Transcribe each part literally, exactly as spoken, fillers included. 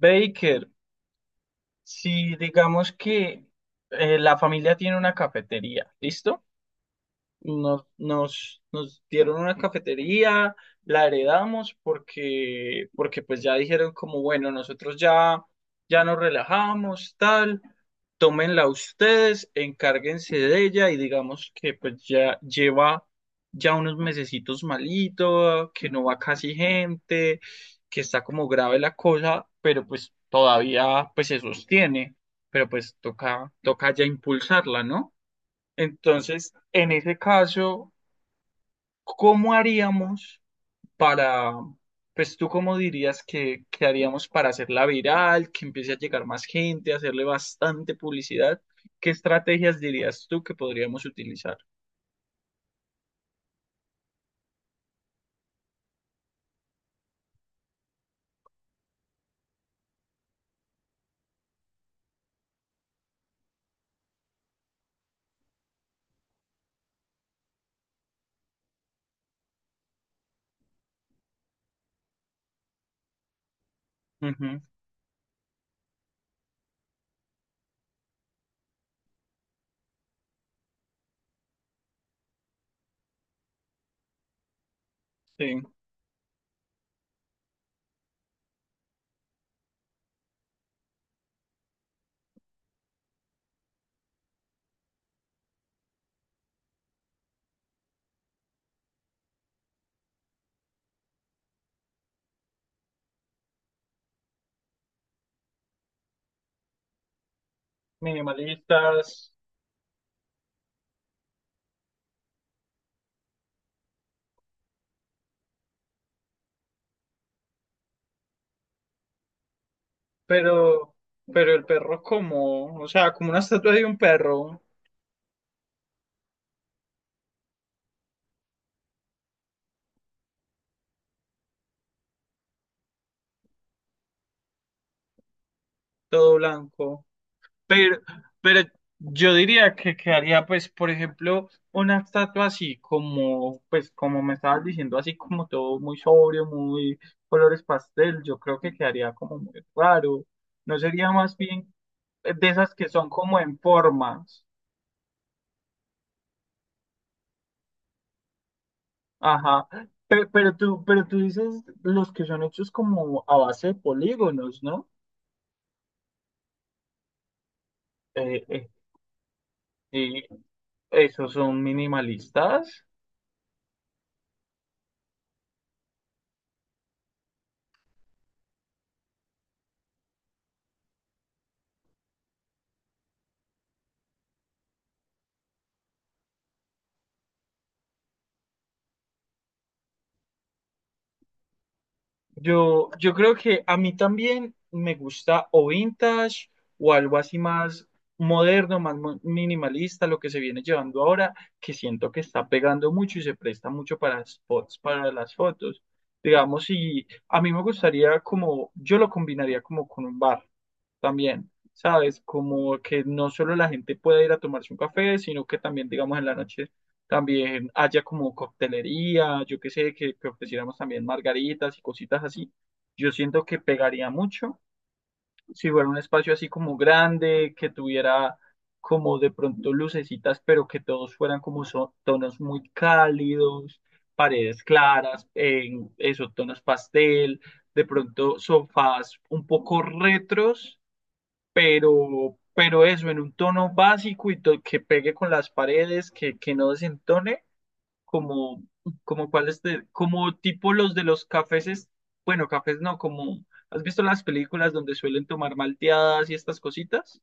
Baker, si digamos que eh, la familia tiene una cafetería, ¿listo? Nos, nos, nos dieron una cafetería, la heredamos porque, porque pues ya dijeron como, bueno, nosotros ya, ya nos relajamos, tal, tómenla ustedes, encárguense de ella y digamos que pues ya lleva ya unos mesecitos malito, que no va casi gente, que está como grave la cosa, pero pues todavía pues se sostiene, pero pues toca, toca ya impulsarla, ¿no? Entonces, en ese caso, ¿cómo haríamos para, pues tú cómo dirías que, que haríamos para hacerla viral, que empiece a llegar más gente, hacerle bastante publicidad? ¿Qué estrategias dirías tú que podríamos utilizar? Ujú, sí, minimalistas. Pero, pero el perro como, o sea, como una estatua de un perro, todo blanco. Pero, pero yo diría que quedaría, pues, por ejemplo, una estatua así como, pues, como me estabas diciendo, así como todo muy sobrio, muy colores pastel, yo creo que quedaría como muy raro. No sería más bien de esas que son como en formas. Ajá. Pe- Pero, tú, pero tú dices los que son hechos como a base de polígonos, ¿no? Eh, eh, eh, esos son minimalistas. Yo, yo creo que a mí también me gusta o vintage o algo así más moderno, más mo- minimalista, lo que se viene llevando ahora, que siento que está pegando mucho y se presta mucho para spots, para las fotos. Digamos, y a mí me gustaría como, yo lo combinaría como con un bar también, ¿sabes? Como que no solo la gente pueda ir a tomarse un café, sino que también, digamos, en la noche también haya como coctelería, yo qué sé, que, que ofreciéramos también margaritas y cositas así. Yo siento que pegaría mucho si fuera un espacio así como grande, que tuviera como de pronto lucecitas, pero que todos fueran como so- tonos muy cálidos, paredes claras, en esos tonos pastel, de pronto sofás un poco retros pero, pero eso en un tono básico y to- que pegue con las paredes, que, que no desentone, como, como cuáles de- como tipo los de los cafés, es- bueno, cafés no, como, ¿has visto las películas donde suelen tomar malteadas y estas cositas?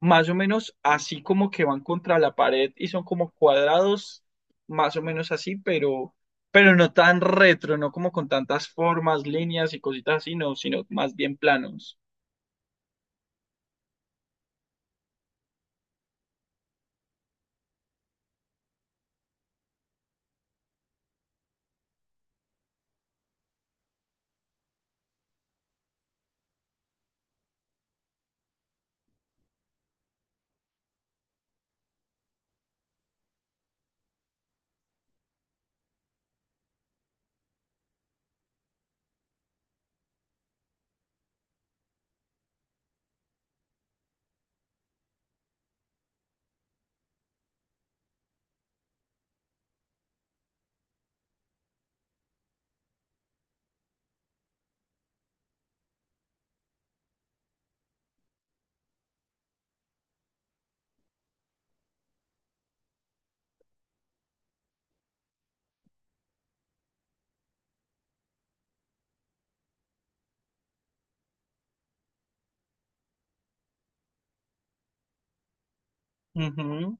Más o menos así como que van contra la pared y son como cuadrados, más o menos así, pero, pero no tan retro, no como con tantas formas, líneas y cositas así, no, sino más bien planos. Ujú.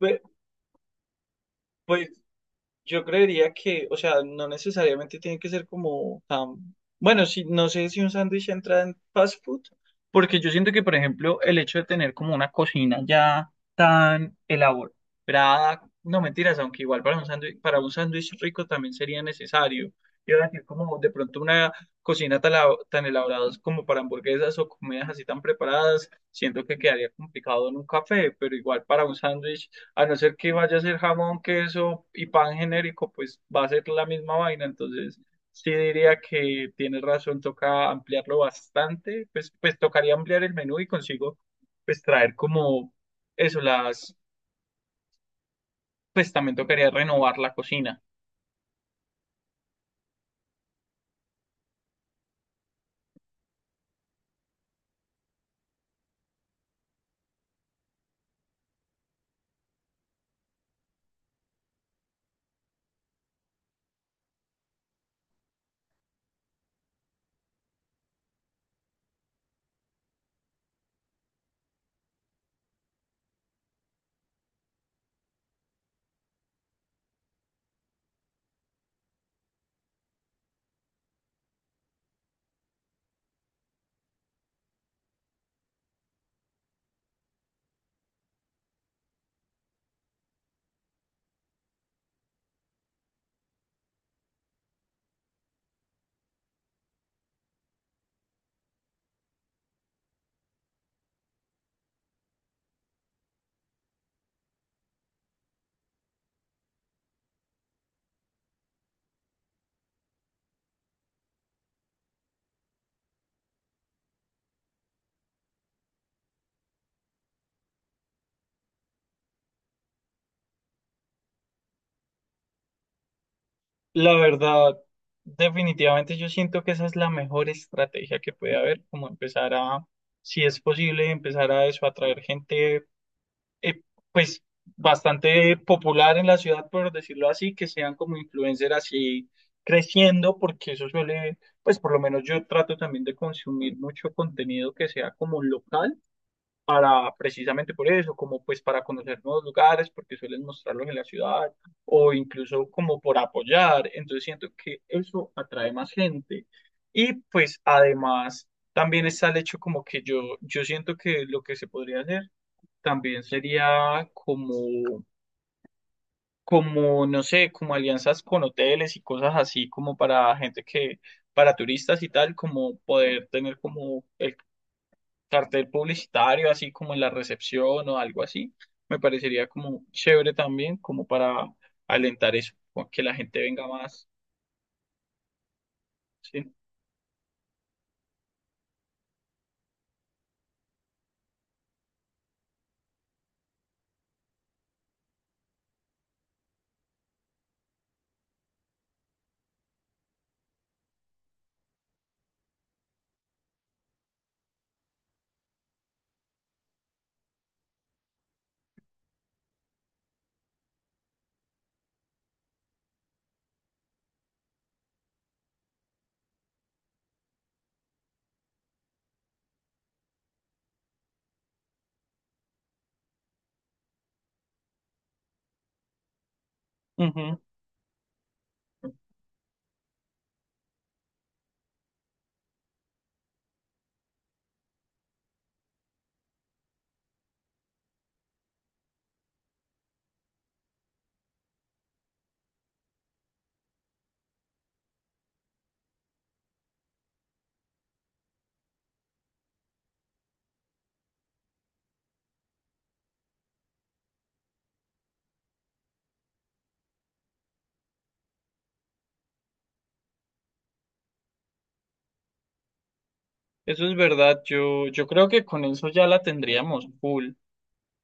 Pe- Pues, yo creería que, o sea, no necesariamente tiene que ser como tan... Bueno, si, no sé si un sándwich entra en fast food, porque yo siento que, por ejemplo, el hecho de tener como una cocina ya tan elaborada, no mentiras, aunque igual para un sándwich, para un sándwich rico también sería necesario. Yo iba a decir como de pronto una cocina tan, elab- tan elaborada como para hamburguesas o comidas así tan preparadas, siento que quedaría complicado en un café, pero igual para un sándwich a no ser que vaya a ser jamón, queso y pan genérico, pues va a ser la misma vaina. Entonces, sí diría que tienes razón, toca ampliarlo bastante. Pues, pues tocaría ampliar el menú y consigo, pues traer como eso, las, pues también tocaría renovar la cocina. La verdad, definitivamente yo siento que esa es la mejor estrategia que puede haber, como empezar a, si es posible, empezar a eso, atraer gente eh, pues bastante popular en la ciudad, por decirlo así, que sean como influencer así creciendo, porque eso suele, pues por lo menos yo trato también de consumir mucho contenido que sea como local, para precisamente por eso, como pues para conocer nuevos lugares, porque suelen mostrarlos en la ciudad, o incluso como por apoyar, entonces siento que eso atrae más gente. Y pues además... También está el hecho como que yo, yo siento que lo que se podría hacer también sería como, como, no sé, como alianzas con hoteles y cosas así, como para gente que, para turistas y tal, como poder tener como el cartel publicitario, así como en la recepción o algo así. Me parecería como chévere también, como para alentar eso, o que la gente venga más. Sí. Ujú. Eso es verdad. Yo, yo creo que con eso ya la tendríamos full.